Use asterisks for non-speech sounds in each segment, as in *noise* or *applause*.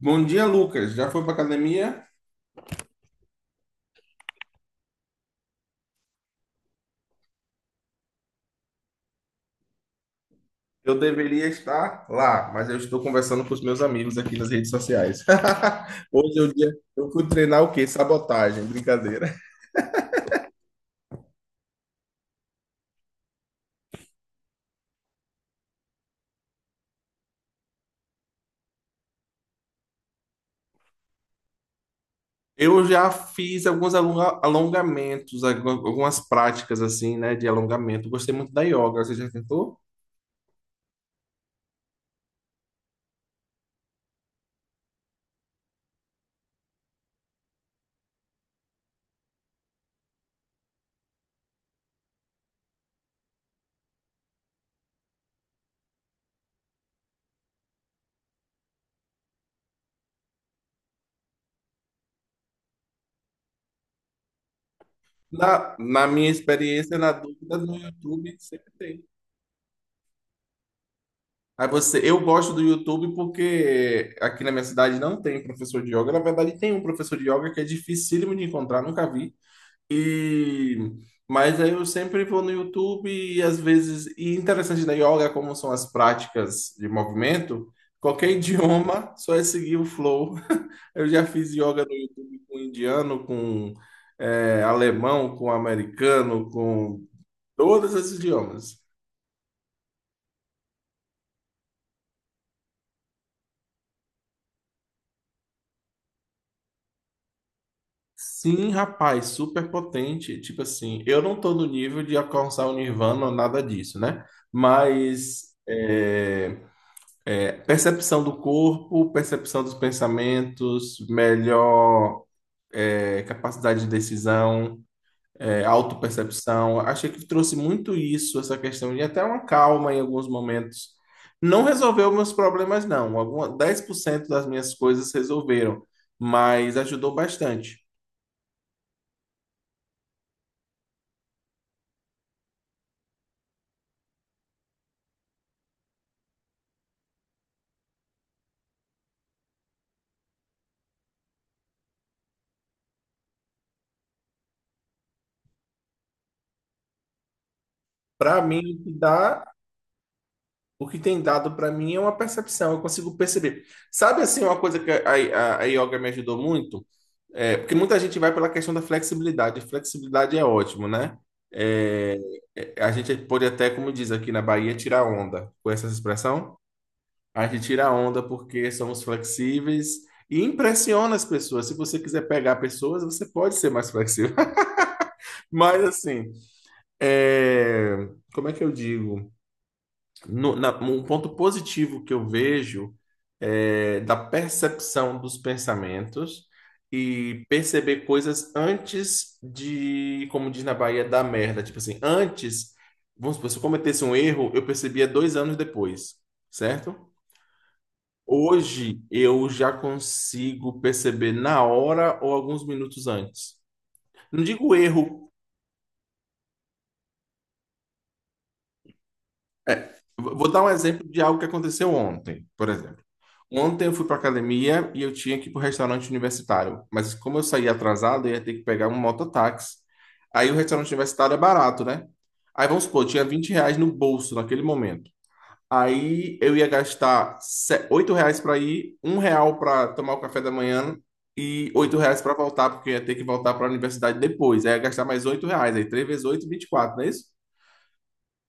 Bom dia, Lucas. Já foi para academia? Eu deveria estar lá, mas eu estou conversando com os meus amigos aqui nas redes sociais. *laughs* Hoje é o dia. Eu fui treinar o quê? Sabotagem, brincadeira. Eu já fiz alguns alongamentos, algumas práticas assim, né, de alongamento. Gostei muito da yoga. Você já tentou? Na minha experiência, na dúvida, no YouTube sempre tem. Aí você, eu gosto do YouTube porque aqui na minha cidade não tem professor de yoga. Na verdade, tem um professor de yoga que é dificílimo de encontrar, nunca vi. E mas aí eu sempre vou no YouTube e às vezes, e interessante da yoga como são as práticas de movimento, qualquer *laughs* idioma, só é seguir o flow. *laughs* Eu já fiz yoga no YouTube com um indiano, com alemão, com um americano, com todos esses idiomas. Sim, rapaz, super potente. Tipo assim, eu não tô no nível de alcançar o Nirvana ou nada disso, né? Mas percepção do corpo, percepção dos pensamentos, melhor capacidade de decisão, autopercepção. Achei que trouxe muito isso, essa questão de até uma calma em alguns momentos. Não resolveu meus problemas, não. Alguma, 10% das minhas coisas resolveram, mas ajudou bastante. Para mim, o que tem dado para mim é uma percepção, eu consigo perceber. Sabe assim, uma coisa que a yoga me ajudou muito? É, porque muita gente vai pela questão da flexibilidade. Flexibilidade é ótimo, né? É, a gente pode até, como diz aqui na Bahia, tirar onda. Com essa expressão? A gente tira onda porque somos flexíveis e impressiona as pessoas. Se você quiser pegar pessoas, você pode ser mais flexível. *laughs* Mas assim, como é que eu digo? Um ponto positivo que eu vejo é da percepção dos pensamentos e perceber coisas antes de, como diz na Bahia, da merda. Tipo assim, antes, vamos supor, se eu cometesse um erro, eu percebia 2 anos depois, certo? Hoje eu já consigo perceber na hora ou alguns minutos antes. Não digo erro. É, vou dar um exemplo de algo que aconteceu ontem, por exemplo. Ontem eu fui para academia e eu tinha que ir para o restaurante universitário, mas como eu saí atrasado, eu ia ter que pegar um mototáxi. Aí o restaurante universitário é barato, né? Aí vamos supor, eu tinha R$ 20 no bolso naquele momento. Aí eu ia gastar R$ 8 para ir, R$ 1 para tomar o café da manhã e R$ 8 para voltar, porque eu ia ter que voltar para a universidade depois. Aí eu ia gastar mais R$ 8, aí 3 vezes 8, 24, não é isso?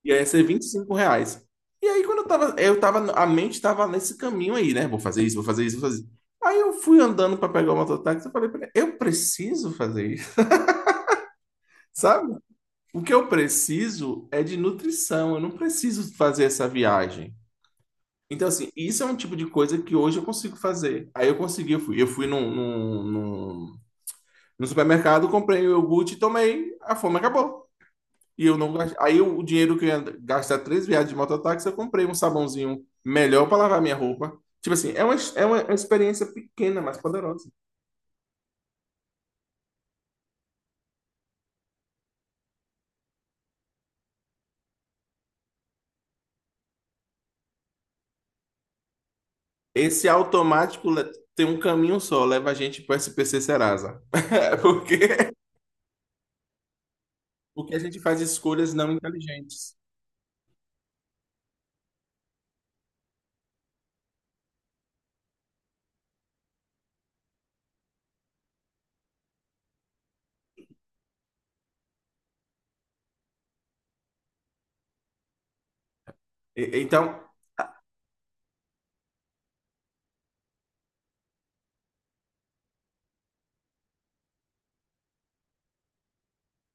Ia ser R$ 25. E aí, quando a mente tava nesse caminho aí, né? Vou fazer isso, vou fazer isso, vou fazer isso. Aí eu fui andando para pegar o mototáxi e falei pra ele, eu preciso fazer isso, *laughs* sabe? O que eu preciso é de nutrição, eu não preciso fazer essa viagem. Então, assim, isso é um tipo de coisa que hoje eu consigo fazer. Aí eu consegui, eu fui no supermercado, comprei o iogurte e tomei, a fome acabou. E eu não gastei. O dinheiro que eu ia gastar três viagens de mototáxi, eu comprei um sabãozinho melhor para lavar minha roupa. Tipo assim, é uma experiência pequena, mas poderosa. Esse automático tem um caminho só, leva a gente para o SPC Serasa. *laughs* Porque, porque a gente faz escolhas não inteligentes. E- Então,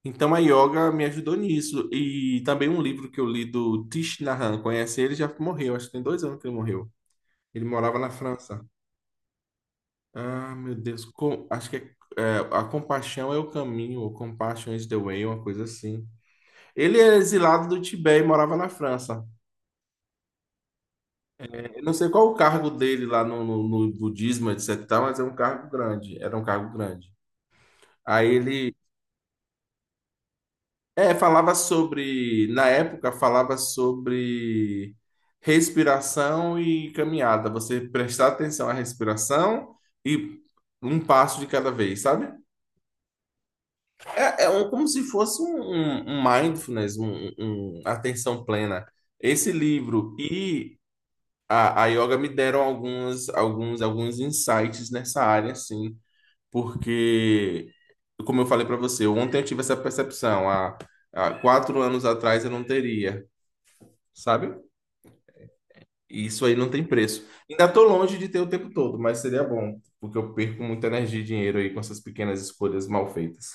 então a yoga me ajudou nisso. E também um livro que eu li do Thich Nhat Hanh, conhece ele? Já morreu, acho que tem 2 anos que ele morreu. Ele morava na França. Ah, meu Deus. Acho que é A Compaixão é o Caminho, ou Compassion is the Way, uma coisa assim. Ele é exilado do Tibete e morava na França. Eu não sei qual o cargo dele lá no budismo, etc, mas é um cargo grande. Era um cargo grande. Aí ele... É, falava sobre... Na época, falava sobre respiração e caminhada. Você prestar atenção à respiração e um passo de cada vez, sabe? É como se fosse um mindfulness, um atenção plena. Esse livro e a yoga me deram alguns insights nessa área, assim, porque, como eu falei para você, ontem eu tive essa percepção, há 4 anos atrás eu não teria, sabe? E isso aí não tem preço. Ainda estou longe de ter o tempo todo, mas seria bom, porque eu perco muita energia e dinheiro aí com essas pequenas escolhas mal feitas.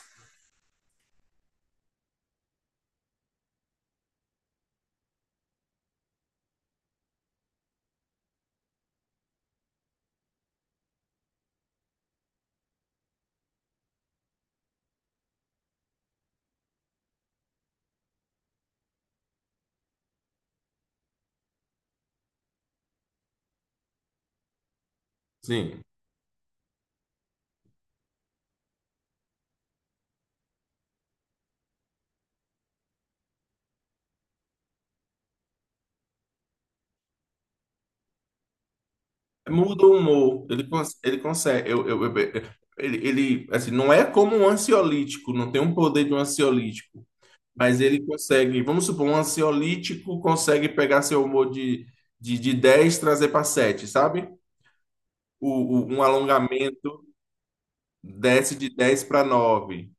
Sim. Muda o humor, ele, ele consegue. Ele, assim, não é como um ansiolítico, não tem um poder de um ansiolítico, mas ele consegue. Vamos supor, um ansiolítico consegue pegar seu humor de, 10 e trazer para sete, sabe? O, um alongamento desce de 10 para nove.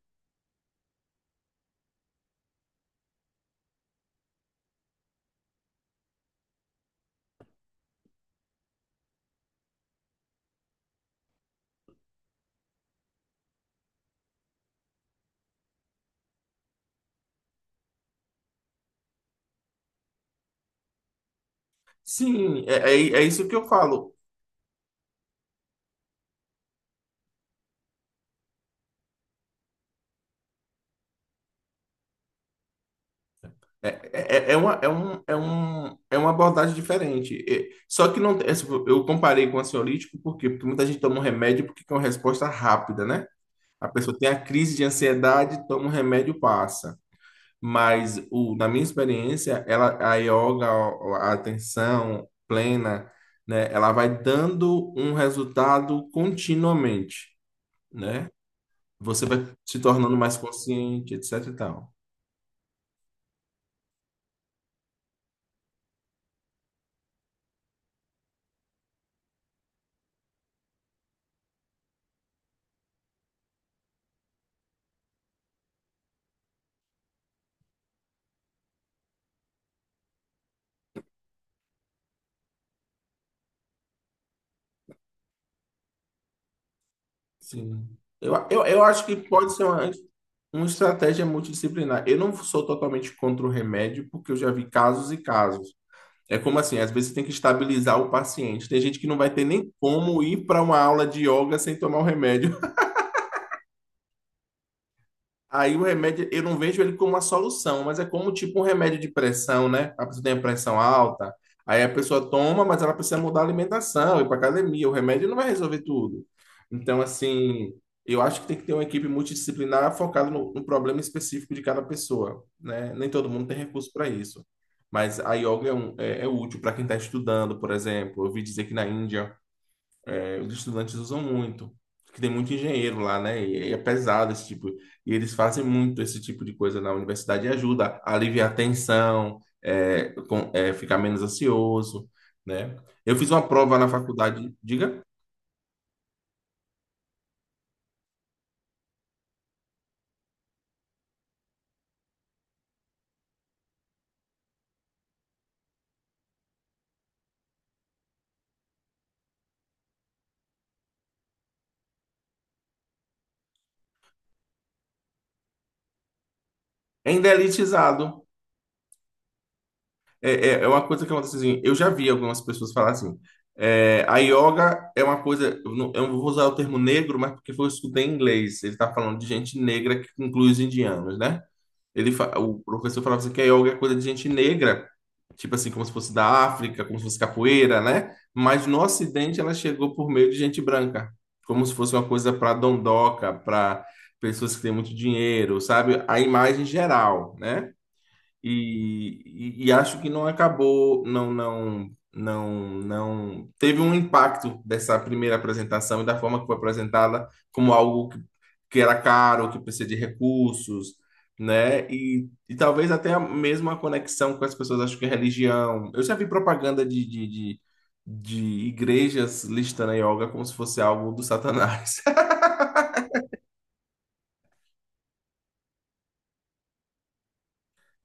Sim, é isso que eu falo. É uma, é, um, é, um, é uma abordagem diferente. É, só que não, eu comparei com o ansiolítico por quê? Porque muita gente toma um remédio porque é uma resposta rápida, né? A pessoa tem a crise de ansiedade, toma um remédio, passa. Mas o, na minha experiência, ela, a yoga, a atenção plena, né? Ela vai dando um resultado continuamente, né? Você vai se tornando mais consciente, etc e tal. Sim. Eu acho que pode ser uma estratégia multidisciplinar. Eu não sou totalmente contra o remédio, porque eu já vi casos e casos. É como assim, às vezes tem que estabilizar o paciente. Tem gente que não vai ter nem como ir para uma aula de yoga sem tomar o remédio. Aí o remédio, eu não vejo ele como uma solução, mas é como tipo um remédio de pressão, né? A pessoa tem a pressão alta, aí a pessoa toma, mas ela precisa mudar a alimentação, ir para academia. O remédio não vai resolver tudo. Então, assim, eu acho que tem que ter uma equipe multidisciplinar focada no problema específico de cada pessoa, né? Nem todo mundo tem recurso para isso. Mas a yoga é, é útil para quem está estudando, por exemplo. Eu ouvi dizer que na Índia os estudantes usam muito, que tem muito engenheiro lá, né? E é pesado esse tipo. E eles fazem muito esse tipo de coisa na universidade e ajuda a aliviar a tensão, ficar menos ansioso, né? Eu fiz uma prova na faculdade, diga, ainda é elitizado. É uma coisa que acontece assim, eu já vi algumas pessoas falar assim, a yoga é uma coisa, eu não vou usar o termo negro, mas porque foi eu escutei em inglês, ele está falando de gente negra que inclui os indianos, né? O professor falava assim que a yoga é coisa de gente negra, tipo assim, como se fosse da África, como se fosse capoeira, né? Mas no Ocidente ela chegou por meio de gente branca, como se fosse uma coisa para dondoca, para pessoas que têm muito dinheiro, sabe? A imagem geral, né? E acho que não acabou, não teve um impacto dessa primeira apresentação e da forma que foi apresentada como algo que era caro, que precisa de recursos, né? E talvez até a mesma conexão com as pessoas acho que é religião. Eu já vi propaganda de igrejas listando a yoga como se fosse algo do Satanás.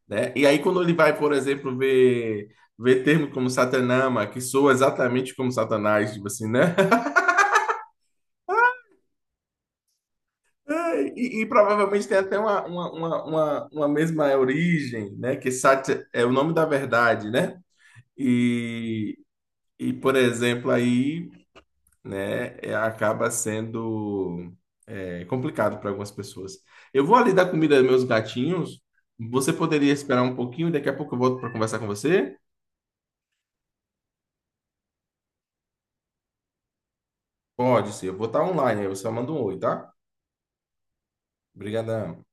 Né? E aí quando ele vai, por exemplo, ver termos como Satanama, que soa exatamente como Satanás, tipo assim, né? *laughs* E provavelmente tem até uma mesma origem, né? Que Sat é o nome da verdade, né? E, e por exemplo, aí, né, acaba sendo complicado para algumas pessoas. Eu vou ali dar comida aos meus gatinhos. Você poderia esperar um pouquinho, daqui a pouco eu volto para conversar com você? Pode ser, eu vou estar online, aí você só manda um oi, tá? Obrigadão.